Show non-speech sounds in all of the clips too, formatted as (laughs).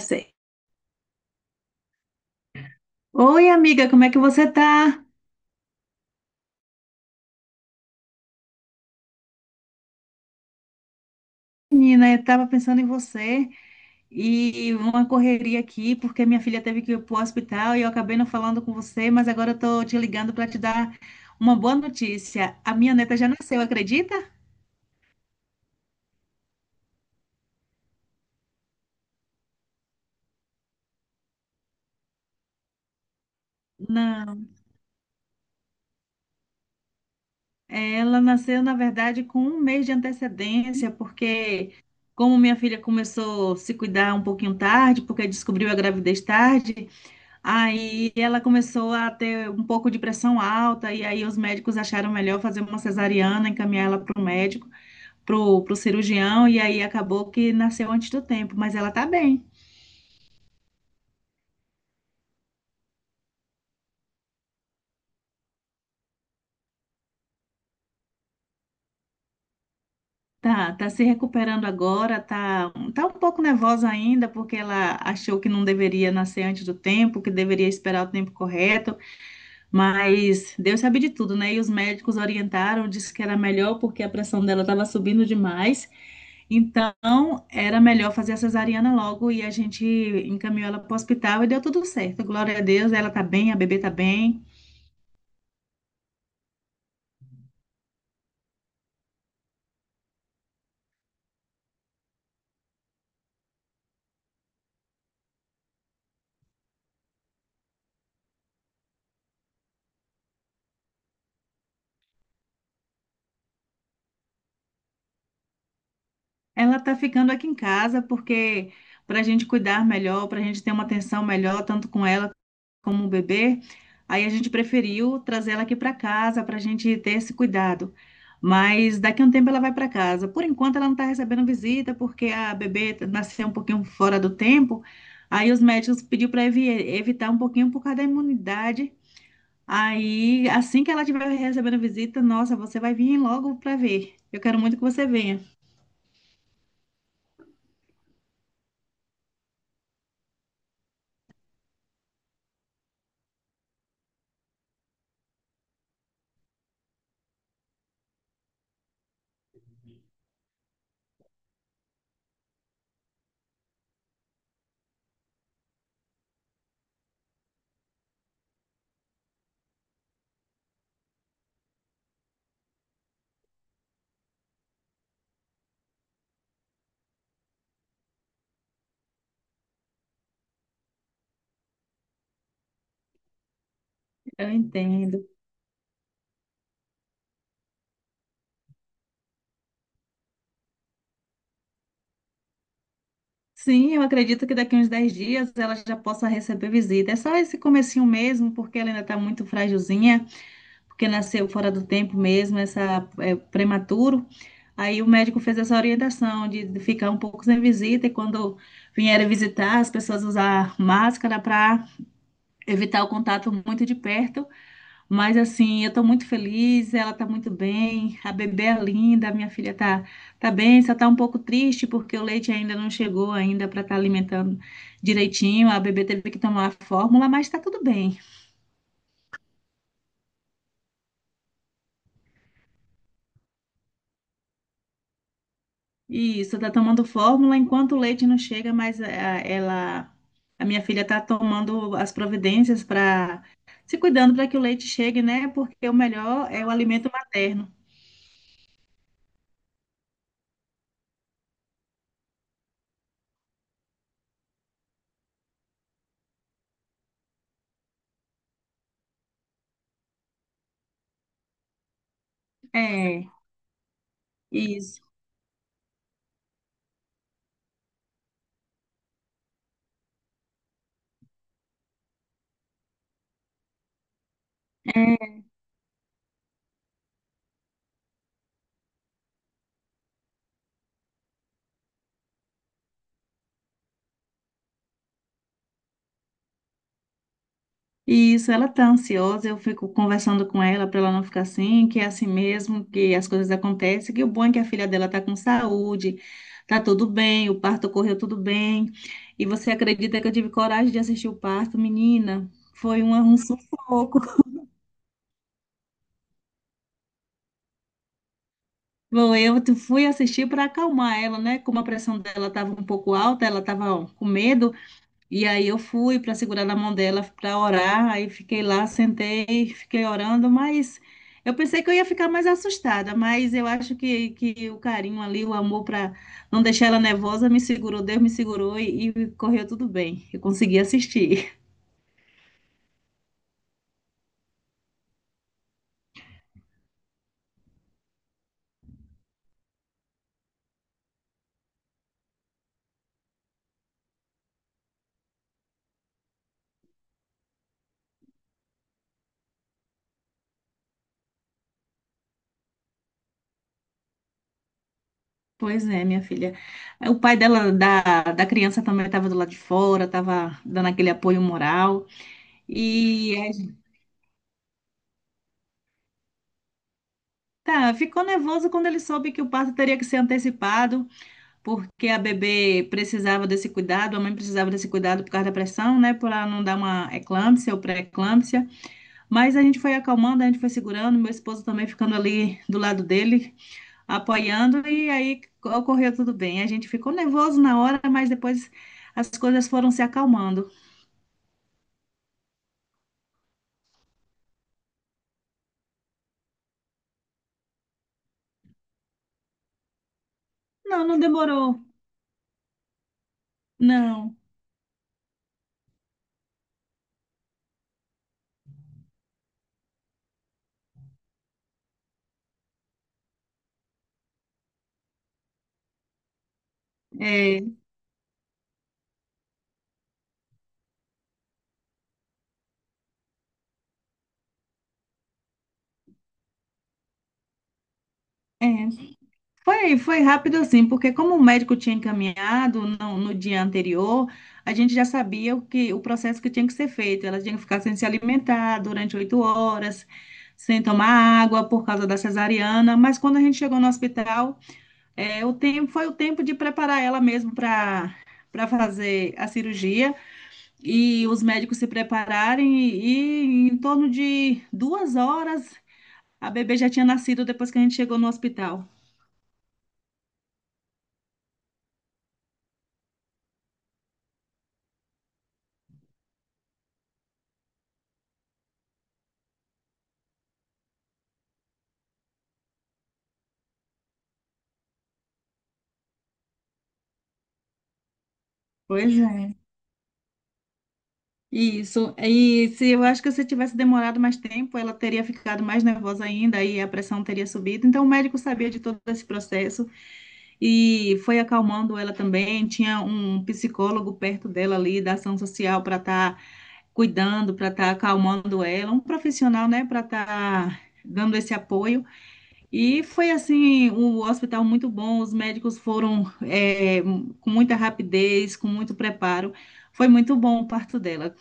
Sei. Oi, amiga, como é que você tá? Menina, eu tava pensando em você e uma correria aqui, porque minha filha teve que ir pro hospital e eu acabei não falando com você, mas agora eu tô te ligando para te dar uma boa notícia. A minha neta já nasceu, acredita? Não, ela nasceu, na verdade, com um mês de antecedência, porque como minha filha começou a se cuidar um pouquinho tarde, porque descobriu a gravidez tarde. Aí ela começou a ter um pouco de pressão alta, e aí os médicos acharam melhor fazer uma cesariana, encaminhar ela para o médico, para o cirurgião, e aí acabou que nasceu antes do tempo, mas ela tá bem. Tá, tá se recuperando agora, tá, tá um pouco nervosa ainda, porque ela achou que não deveria nascer antes do tempo, que deveria esperar o tempo correto, mas Deus sabe de tudo, né? E os médicos orientaram, disse que era melhor porque a pressão dela estava subindo demais. Então, era melhor fazer a cesariana logo e a gente encaminhou ela para o hospital e deu tudo certo. Glória a Deus, ela tá bem, a bebê tá bem. Ela tá ficando aqui em casa porque para a gente cuidar melhor, para a gente ter uma atenção melhor, tanto com ela como um bebê, aí a gente preferiu trazer ela aqui para casa para a gente ter esse cuidado. Mas daqui a um tempo ela vai para casa. Por enquanto ela não está recebendo visita porque a bebê nasceu um pouquinho fora do tempo. Aí os médicos pediu para evitar um pouquinho por causa da imunidade. Aí assim que ela estiver recebendo visita, nossa, você vai vir logo para ver. Eu quero muito que você venha. Eu entendo. Sim, eu acredito que daqui uns 10 dias ela já possa receber visita. É só esse comecinho mesmo, porque ela ainda está muito frágilzinha, porque nasceu fora do tempo mesmo, essa é, prematuro. Aí o médico fez essa orientação de ficar um pouco sem visita e quando vierem visitar, as pessoas usar máscara para evitar o contato muito de perto. Mas assim, eu estou muito feliz, ela está muito bem, a bebê é linda, a minha filha está, tá bem, só está um pouco triste porque o leite ainda não chegou ainda para estar alimentando direitinho. A bebê teve que tomar a fórmula, mas está tudo bem. Isso, está tomando fórmula enquanto o leite não chega, mas ela, a minha filha está tomando as providências para se cuidando para que o leite chegue, né? Porque o melhor é o alimento materno. É, isso. E isso, ela tá ansiosa, eu fico conversando com ela para ela não ficar assim, que é assim mesmo, que as coisas acontecem, que o bom é que a filha dela tá com saúde, tá tudo bem, o parto correu tudo bem. E você acredita que eu tive coragem de assistir o parto, menina? Foi um, um sufoco. (laughs) Bom, eu fui assistir para acalmar ela, né? Como a pressão dela estava um pouco alta, ela estava com medo. E aí eu fui para segurar na mão dela para orar, aí fiquei lá, sentei, fiquei orando, mas eu pensei que eu ia ficar mais assustada, mas eu acho que o carinho ali, o amor para não deixar ela nervosa, me segurou, Deus me segurou e correu tudo bem. Eu consegui assistir. (laughs) Pois é, minha filha. O pai dela, da criança também estava do lado de fora, estava dando aquele apoio moral. E a gente- tá, ficou nervoso quando ele soube que o parto teria que ser antecipado, porque a bebê precisava desse cuidado, a mãe precisava desse cuidado por causa da pressão, né? Por ela não dar uma eclâmpsia ou pré-eclâmpsia. Mas a gente foi acalmando, a gente foi segurando, meu esposo também ficando ali do lado dele, apoiando, e aí ocorreu tudo bem. A gente ficou nervoso na hora, mas depois as coisas foram se acalmando. Não, não demorou. Não. É, é. Foi, foi rápido assim, porque como o médico tinha encaminhado no dia anterior, a gente já sabia o processo que tinha que ser feito. Ela tinha que ficar sem se alimentar durante 8 horas, sem tomar água por causa da cesariana. Mas quando a gente chegou no hospital, é, o tempo foi o tempo de preparar ela mesmo para fazer a cirurgia e os médicos se prepararem e em torno de 2 horas a bebê já tinha nascido depois que a gente chegou no hospital. Pois é. Isso. E se eu acho que se tivesse demorado mais tempo, ela teria ficado mais nervosa ainda e a pressão teria subido. Então, o médico sabia de todo esse processo e foi acalmando ela também. Tinha um psicólogo perto dela ali, da ação social, para estar cuidando, para estar acalmando ela, um profissional, né, para estar dando esse apoio. E foi assim, o hospital muito bom, os médicos foram, com muita rapidez, com muito preparo. Foi muito bom o parto dela.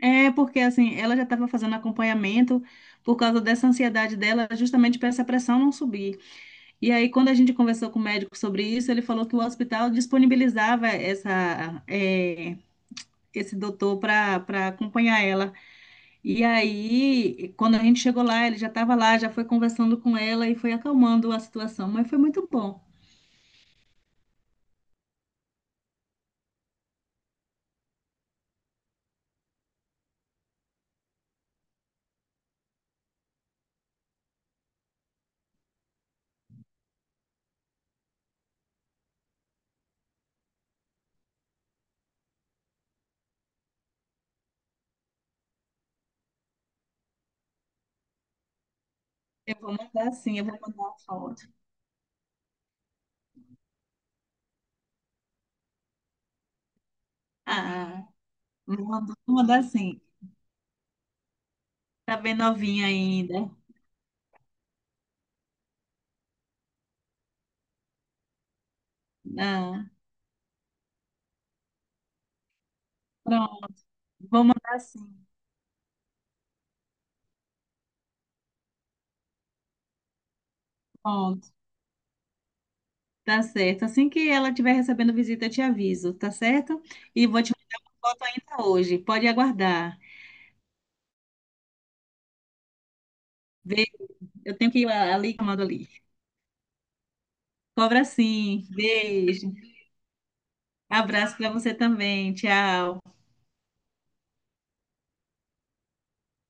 É, porque assim, ela já estava fazendo acompanhamento por causa dessa ansiedade dela, justamente para essa pressão não subir. E aí, quando a gente conversou com o médico sobre isso, ele falou que o hospital disponibilizava esse doutor para acompanhar ela. E aí, quando a gente chegou lá, ele já estava lá, já foi conversando com ela e foi acalmando a situação. Mas foi muito bom. Eu vou mandar sim, eu vou mandar uma foto. Ah, vou mandar sim. Tá bem novinha ainda. Ah, pronto. Vou mandar sim, pronto. Tá certo. Assim que ela estiver recebendo visita, eu te aviso, tá certo? E vou te mandar uma foto ainda hoje. Pode aguardar. Vê, eu tenho que ir ali, chamando ali. Cobra sim. Beijo. Abraço para você também. Tchau.